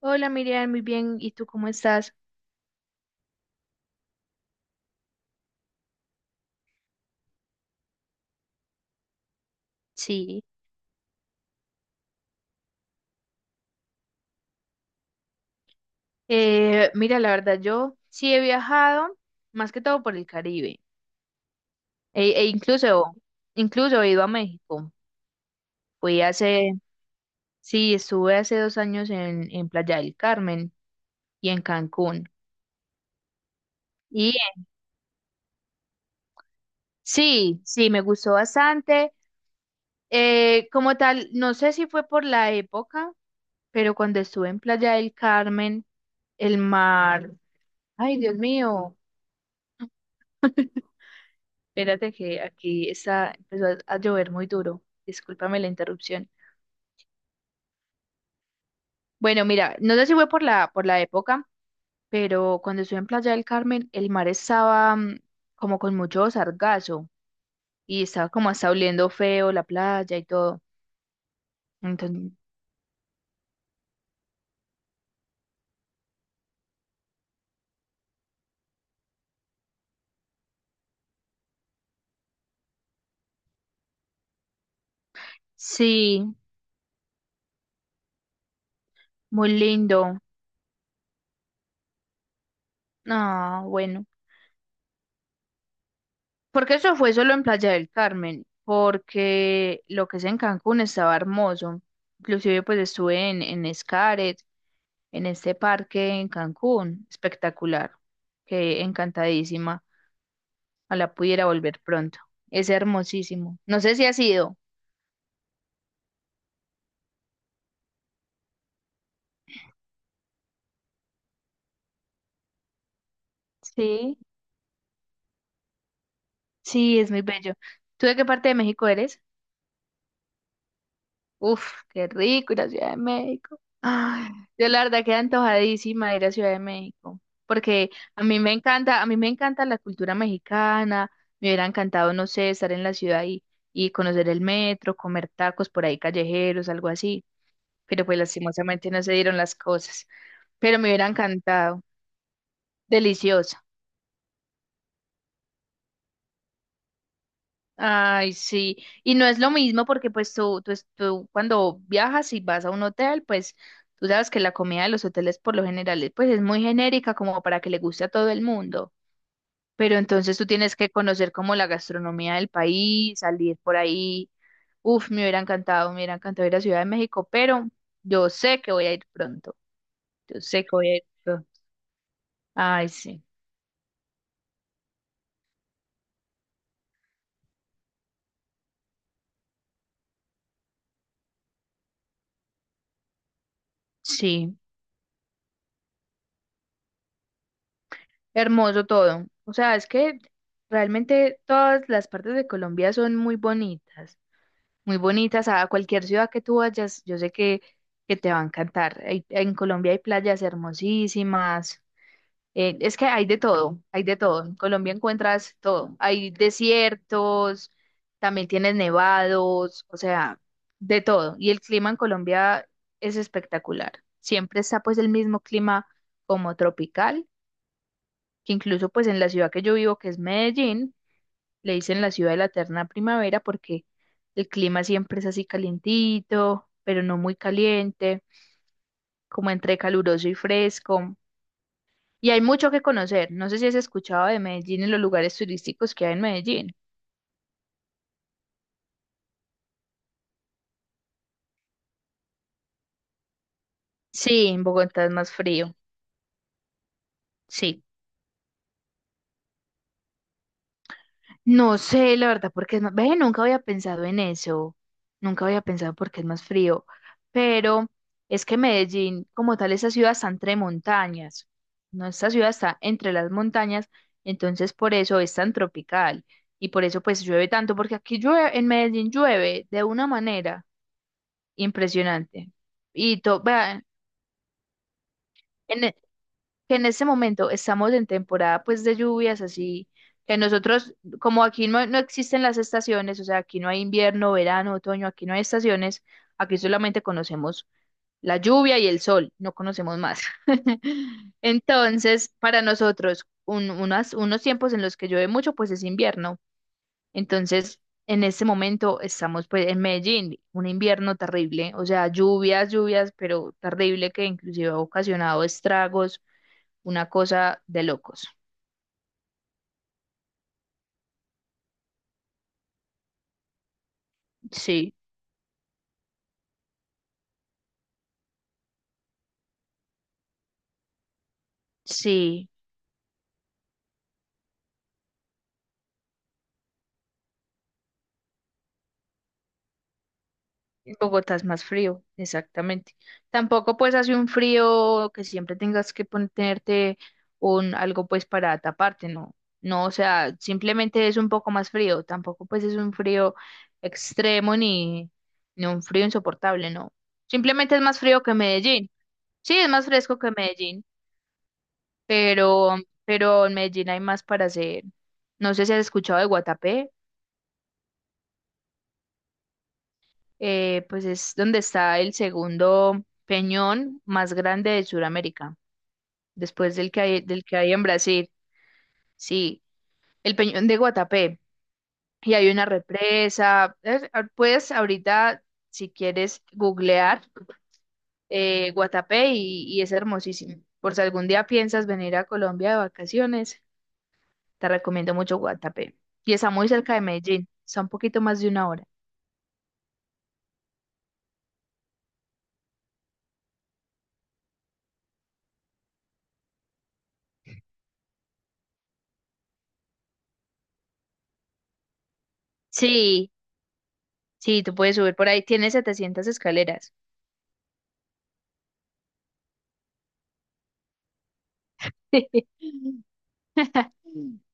Hola Miriam, muy bien. ¿Y tú cómo estás? Sí. Mira, la verdad, yo sí he viajado, más que todo por el Caribe. E incluso he ido a México. Fui hace, sí, estuve hace 2 años en Playa del Carmen y en Cancún. Y sí, sí, me gustó bastante. Como tal, no sé si fue por la época, pero cuando estuve en Playa del Carmen, el mar, ay Dios mío. Espérate que aquí está, empezó a llover muy duro. Discúlpame la interrupción. Bueno, mira, no sé si fue por la, época, pero cuando estuve en Playa del Carmen, el mar estaba como con mucho sargazo y estaba como hasta oliendo feo la playa y todo. Entonces, sí, muy lindo. No, bueno. Porque eso fue solo en Playa del Carmen, porque lo que es en Cancún estaba hermoso. Inclusive pues estuve en Xcaret, en este parque en Cancún. Espectacular. Que encantadísima. Ojalá pudiera volver pronto. Es hermosísimo. No sé si has ido. Sí, sí, es muy bello. ¿Tú de qué parte de México eres? Uf, qué rico ir a Ciudad de México. Ay, yo la verdad quedé antojadísima de ir a Ciudad de México, porque a mí me encanta, a mí me encanta la cultura mexicana. Me hubiera encantado, no sé, estar en la ciudad y conocer el metro, comer tacos por ahí callejeros, algo así. Pero pues lastimosamente no se dieron las cosas, pero me hubiera encantado, deliciosa. Ay, sí, y no es lo mismo porque pues tú cuando viajas y vas a un hotel, pues tú sabes que la comida de los hoteles por lo general es muy genérica como para que le guste a todo el mundo, pero entonces tú tienes que conocer como la gastronomía del país, salir por ahí. Uf, me hubiera encantado ir a Ciudad de México, pero yo sé que voy a ir pronto, yo sé que voy a ir pronto. Ay, sí, sí. Hermoso todo. O sea, es que realmente todas las partes de Colombia son muy bonitas, muy bonitas. A cualquier ciudad que tú vayas, yo sé que te va a encantar. En Colombia hay playas hermosísimas. Es que hay de todo, hay de todo. En Colombia encuentras todo. Hay desiertos, también tienes nevados, o sea, de todo. Y el clima en Colombia es espectacular. Siempre está pues el mismo clima como tropical, que incluso pues en la ciudad que yo vivo, que es Medellín, le dicen la ciudad de la eterna primavera porque el clima siempre es así calientito, pero no muy caliente, como entre caluroso y fresco. Y hay mucho que conocer. No sé si has escuchado de Medellín y los lugares turísticos que hay en Medellín. Sí, en Bogotá es más frío. Sí. No sé, la verdad, porque es más. Ve, nunca había pensado en eso. Nunca había pensado porque es más frío. Pero es que Medellín, como tal, esa ciudad está entre montañas. No, esta ciudad está entre las montañas, entonces por eso es tan tropical. Y por eso pues llueve tanto, porque aquí llueve, en Medellín llueve de una manera impresionante. Y todo, en, e, que en este momento estamos en temporada pues de lluvias, así que nosotros, como aquí no, no existen las estaciones, o sea, aquí no hay invierno, verano, otoño, aquí no hay estaciones, aquí solamente conocemos la lluvia y el sol, no conocemos más. Entonces, para nosotros, unos tiempos en los que llueve mucho, pues es invierno. Entonces, en este momento estamos pues en Medellín, un invierno terrible, o sea, lluvias, lluvias, pero terrible que inclusive ha ocasionado estragos, una cosa de locos. Sí, sí. En Bogotá es más frío, exactamente. Tampoco pues hace un frío que siempre tengas que ponerte un algo pues para taparte, no. No, o sea, simplemente es un poco más frío. Tampoco pues es un frío extremo ni un frío insoportable, no. Simplemente es más frío que Medellín. Sí, es más fresco que Medellín, pero, pero en Medellín hay más para hacer. No sé si has escuchado de Guatapé. Pues es donde está el segundo peñón más grande de Sudamérica, después del que hay en Brasil. Sí, el peñón de Guatapé. Y hay una represa. Puedes ahorita, si quieres, googlear Guatapé, y es hermosísimo. Por si algún día piensas venir a Colombia de vacaciones, te recomiendo mucho Guatapé. Y está muy cerca de Medellín, está un poquito más de una hora. Sí, sí, tú puedes subir por ahí. Tiene 700 escaleras.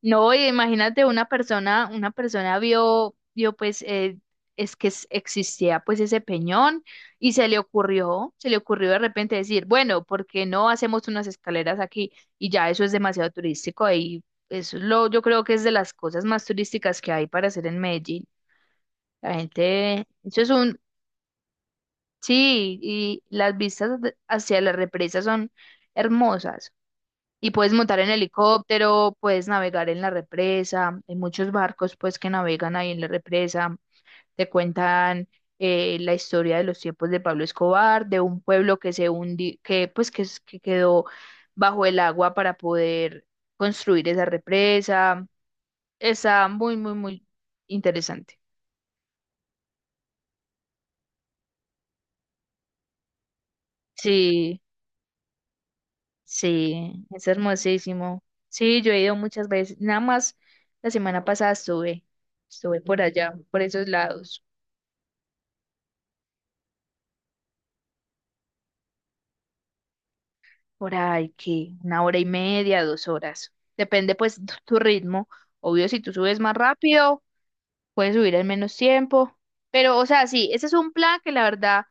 No, y imagínate una persona vio pues, es que existía pues ese peñón y se le ocurrió de repente decir, bueno, ¿por qué no hacemos unas escaleras aquí? Y ya eso es demasiado turístico, y yo creo que es de las cosas más turísticas que hay para hacer en Medellín. La gente, sí, y las vistas hacia las represas son hermosas. Y puedes montar en helicóptero, puedes navegar en la represa, hay muchos barcos pues que navegan ahí en la represa, te cuentan la historia de los tiempos de Pablo Escobar, de un pueblo que se hundi, que pues que, es- que quedó bajo el agua para poder construir esa represa. Está muy, muy, muy interesante. Sí, sí, es hermosísimo. Sí, yo he ido muchas veces, nada más la semana pasada estuve por allá, por esos lados. Por ahí que una hora y media, 2 horas. Depende pues tu ritmo. Obvio, si tú subes más rápido, puedes subir en menos tiempo. Pero, o sea, sí, ese es un plan que la verdad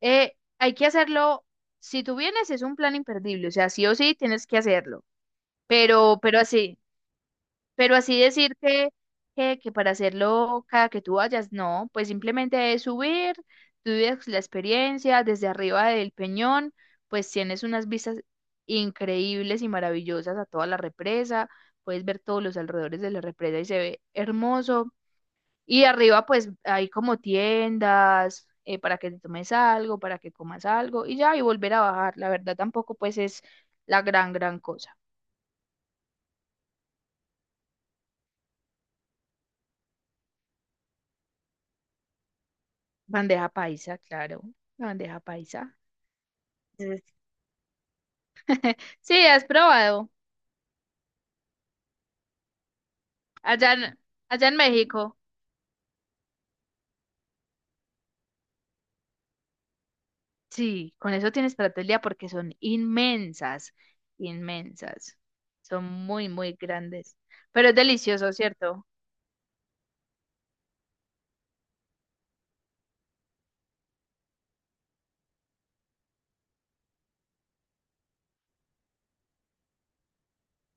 hay que hacerlo. Si tú vienes, es un plan imperdible. O sea, sí o sí tienes que hacerlo. Pero así. Pero así decir que, para hacerlo cada que tú vayas, no, pues simplemente es subir, tú vives la experiencia desde arriba del Peñón, pues tienes unas vistas increíbles y maravillosas a toda la represa, puedes ver todos los alrededores de la represa y se ve hermoso. Y arriba pues hay como tiendas para que te tomes algo, para que comas algo y ya, y volver a bajar. La verdad tampoco pues es la gran, gran cosa. Bandeja paisa, claro, la bandeja paisa. Sí, sí, has probado. Allá en, allá en México. Sí, con eso tienes para todo el día porque son inmensas, inmensas. Son muy, muy grandes. Pero es delicioso, ¿cierto?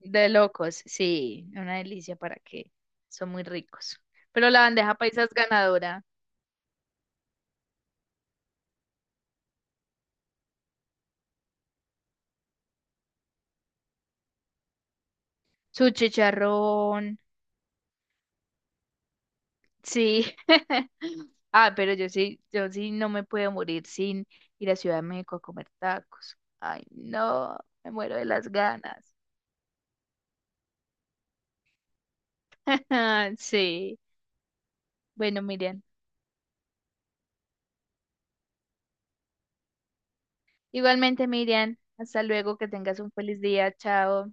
De locos, sí, una delicia, para que, son muy ricos. Pero la bandeja paisa es ganadora. Su chicharrón, sí. Ah, pero yo sí no me puedo morir sin ir a Ciudad de México a comer tacos. Ay, no, me muero de las ganas. Ah, sí. Bueno, Miriam. Igualmente, Miriam. Hasta luego, que tengas un feliz día. Chao.